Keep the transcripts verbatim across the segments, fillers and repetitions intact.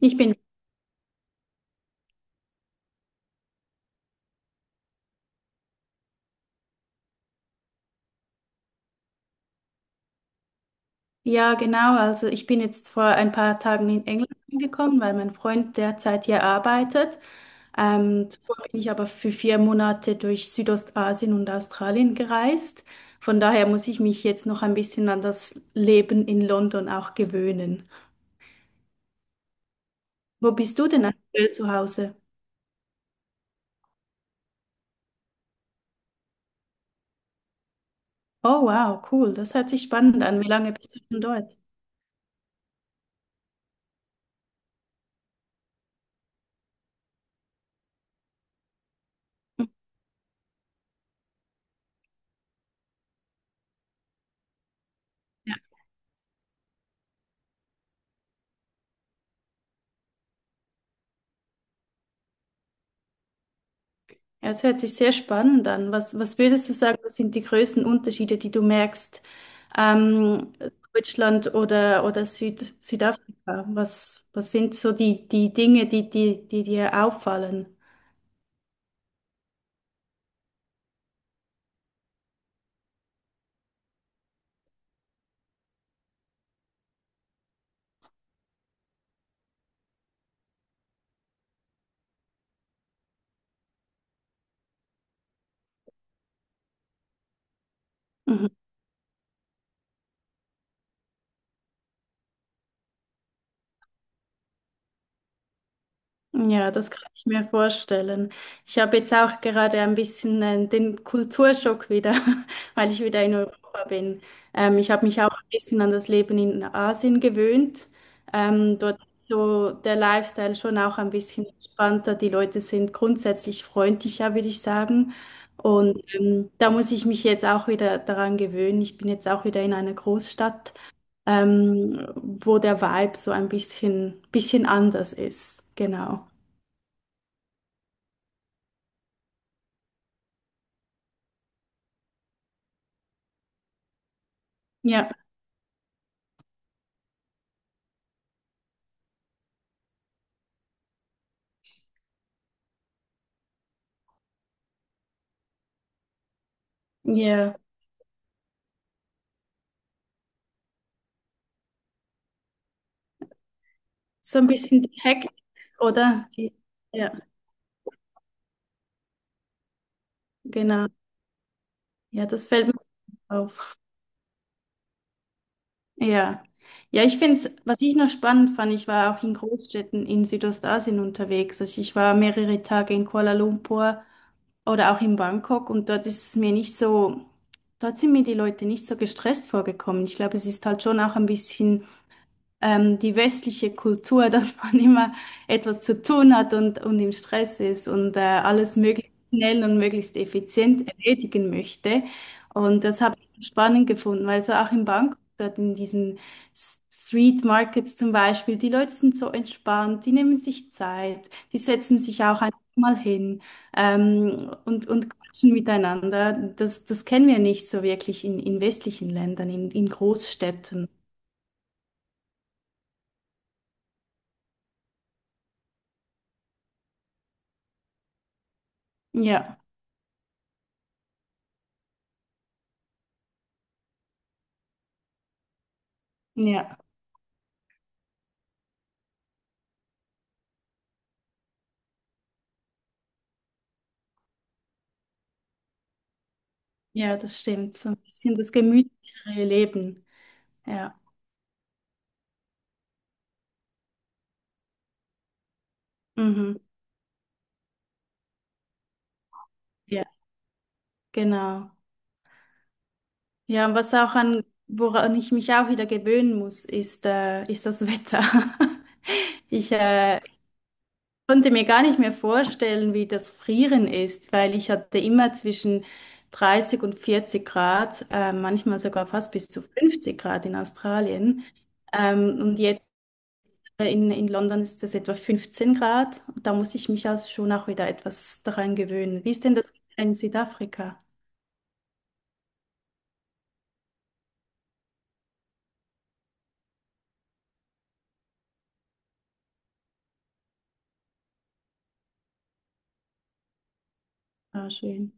Ich bin, ja genau, also ich bin jetzt vor ein paar Tagen in England angekommen, weil mein Freund derzeit hier arbeitet. Ähm, zuvor bin ich aber für vier Monate durch Südostasien und Australien gereist. Von daher muss ich mich jetzt noch ein bisschen an das Leben in London auch gewöhnen. Wo bist du denn aktuell zu Hause? Oh wow, cool, das hört sich spannend an. Wie lange bist du schon dort? Ja. Ja, es hört sich sehr spannend an. Was, was würdest du sagen, was sind die größten Unterschiede, die du merkst, ähm, Deutschland oder, oder Süd, Südafrika? Was, was sind so die, die Dinge, die, die, die dir auffallen? Mhm. Ja, das kann ich mir vorstellen. Ich habe jetzt auch gerade ein bisschen äh, den Kulturschock wieder, weil ich wieder in Europa bin. Ähm, ich habe mich auch ein bisschen an das Leben in Asien gewöhnt. Ähm, dort ist so der Lifestyle schon auch ein bisschen entspannter. Die Leute sind grundsätzlich freundlicher, würde ich sagen. Und ähm, da muss ich mich jetzt auch wieder daran gewöhnen. Ich bin jetzt auch wieder in einer Großstadt, ähm, wo der Vibe so ein bisschen, bisschen anders ist. Genau. Ja, ja. So ein bisschen die Hektik, oder? Die, ja, genau. Ja, das fällt mir auf. Ja. Ja, ich finde es, was ich noch spannend fand, ich war auch in Großstädten in Südostasien unterwegs. Also ich war mehrere Tage in Kuala Lumpur oder auch in Bangkok, und dort ist es mir nicht so, dort sind mir die Leute nicht so gestresst vorgekommen. Ich glaube, es ist halt schon auch ein bisschen. Ähm, die westliche Kultur, dass man immer etwas zu tun hat und, und im Stress ist und äh, alles möglichst schnell und möglichst effizient erledigen möchte. Und das habe ich spannend gefunden, weil so auch in Bangkok, dort in diesen S- Street Markets zum Beispiel, die Leute sind so entspannt, die nehmen sich Zeit, die setzen sich auch einfach mal hin ähm, und, und quatschen miteinander. Das, das kennen wir nicht so wirklich in, in westlichen Ländern, in, in Großstädten. Ja, ja. Ja, das stimmt. So ein bisschen das gemütlichere Leben. Ja. Mhm. Ja, genau. Ja, und was auch an, woran ich mich auch wieder gewöhnen muss, ist, äh, ist das Wetter. Ich äh, konnte mir gar nicht mehr vorstellen, wie das Frieren ist, weil ich hatte immer zwischen dreißig und vierzig Grad, äh, manchmal sogar fast bis zu fünfzig Grad in Australien. Ähm, und jetzt Äh, In, in London ist es etwa fünfzehn Grad. Da muss ich mich also schon auch wieder etwas daran gewöhnen. Wie ist denn das in Südafrika? Ah, schön.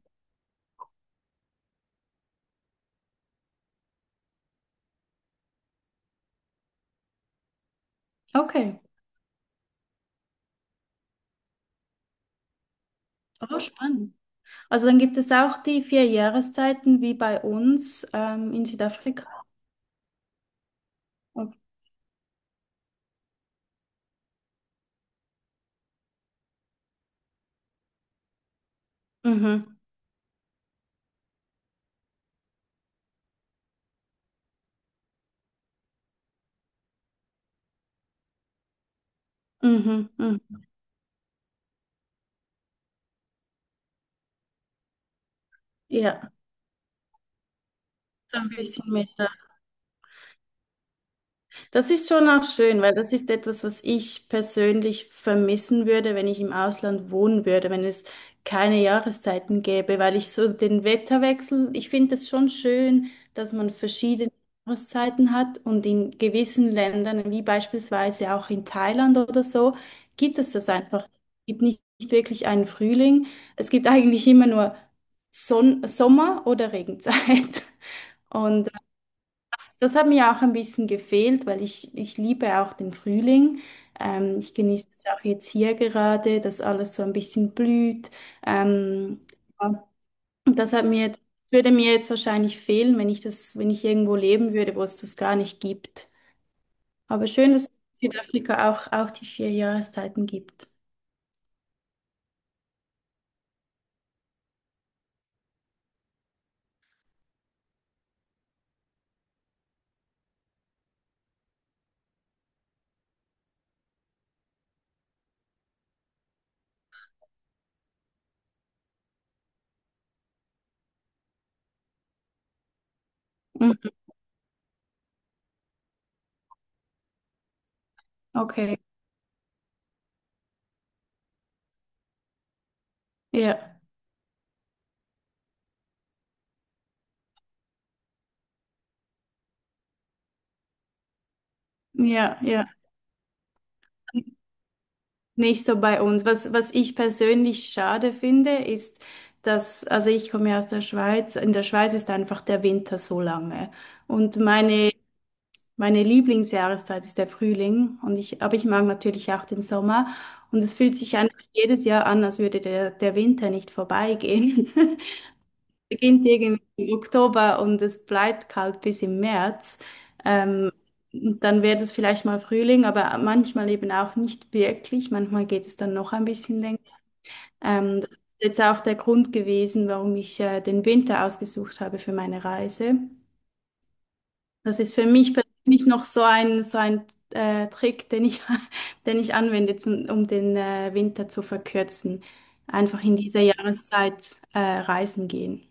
Okay, oh, spannend. Also dann gibt es auch die vier Jahreszeiten wie bei uns ähm, in Südafrika. Mhm, mhm, mhm. Ja, so ein bisschen mehr. Das ist schon auch schön, weil das ist etwas, was ich persönlich vermissen würde, wenn ich im Ausland wohnen würde, wenn es keine Jahreszeiten gäbe, weil ich so den Wetterwechsel, ich finde es schon schön, dass man verschiedene Jahreszeiten hat, und in gewissen Ländern, wie beispielsweise auch in Thailand oder so, gibt es das einfach. Es gibt nicht, nicht wirklich einen Frühling. Es gibt eigentlich immer nur Son Sommer oder Regenzeit. Und das hat mir auch ein bisschen gefehlt, weil ich, ich liebe auch den Frühling. Ähm, ich genieße es auch jetzt hier gerade, dass alles so ein bisschen blüht. Ähm, ja, und das hat mir, würde mir jetzt wahrscheinlich fehlen, wenn ich das, wenn ich irgendwo leben würde, wo es das gar nicht gibt. Aber schön, dass es in Südafrika auch, auch die vier Jahreszeiten gibt. Mhm, Okay, ja, ja, ja. Nicht so bei uns. Was, was ich persönlich schade finde, ist, dass, also ich komme ja aus der Schweiz, in der Schweiz ist einfach der Winter so lange. Und meine, meine Lieblingsjahreszeit ist der Frühling. Und ich, aber ich mag natürlich auch den Sommer. Und es fühlt sich einfach jedes Jahr an, als würde der, der Winter nicht vorbeigehen. Beginnt irgendwie im Oktober und es bleibt kalt bis im März. Ähm, und dann wird es vielleicht mal Frühling, aber manchmal eben auch nicht wirklich. Manchmal geht es dann noch ein bisschen länger. Ähm, das ist jetzt auch der Grund gewesen, warum ich äh, den Winter ausgesucht habe für meine Reise. Das ist für mich persönlich noch so ein, so ein äh, Trick, den ich, den ich anwende, zum, um den äh, Winter zu verkürzen. Einfach in dieser Jahreszeit äh, reisen gehen.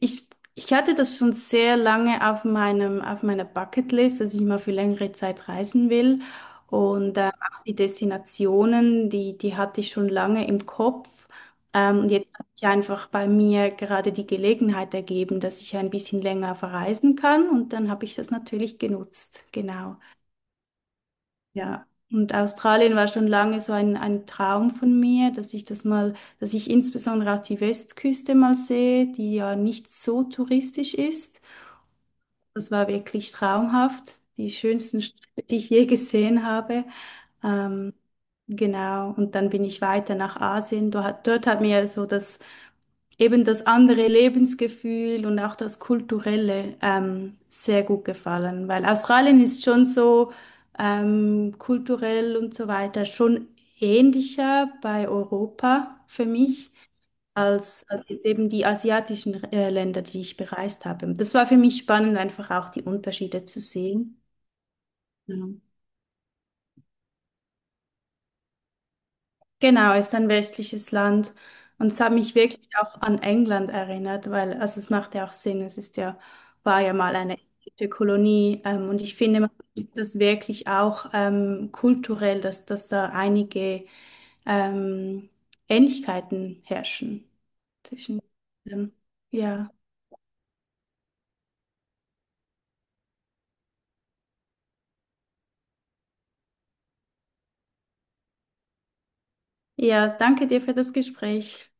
Ich, Ich hatte das schon sehr lange auf meinem, auf meiner Bucketlist, dass ich mal für längere Zeit reisen will. Und ähm, auch die Destinationen, die, die hatte ich schon lange im Kopf. Ähm, und jetzt hat sich einfach bei mir gerade die Gelegenheit ergeben, dass ich ein bisschen länger verreisen kann. Und dann habe ich das natürlich genutzt. Genau. Ja, und Australien war schon lange so ein, ein Traum von mir, dass ich das mal, dass ich insbesondere auch die Westküste mal sehe, die ja nicht so touristisch ist. Das war wirklich traumhaft, die schönsten Städte, die ich je gesehen habe. Ähm, genau, und dann bin ich weiter nach Asien. Dort, dort hat mir so das eben das andere Lebensgefühl und auch das Kulturelle ähm, sehr gut gefallen, weil Australien ist schon so ähm, kulturell und so weiter schon ähnlicher bei Europa für mich als, als jetzt eben die asiatischen äh, Länder, die ich bereist habe. Das war für mich spannend, einfach auch die Unterschiede zu sehen. Ja. Genau, ist ein westliches Land. Und es hat mich wirklich auch an England erinnert, weil, also es macht ja auch Sinn, es ist ja, war ja mal eine englische Kolonie. Ähm, und ich finde, man sieht das wirklich auch ähm, kulturell, dass, dass da einige ähm, Ähnlichkeiten herrschen zwischen, ähm, ja. Ja, danke dir für das Gespräch.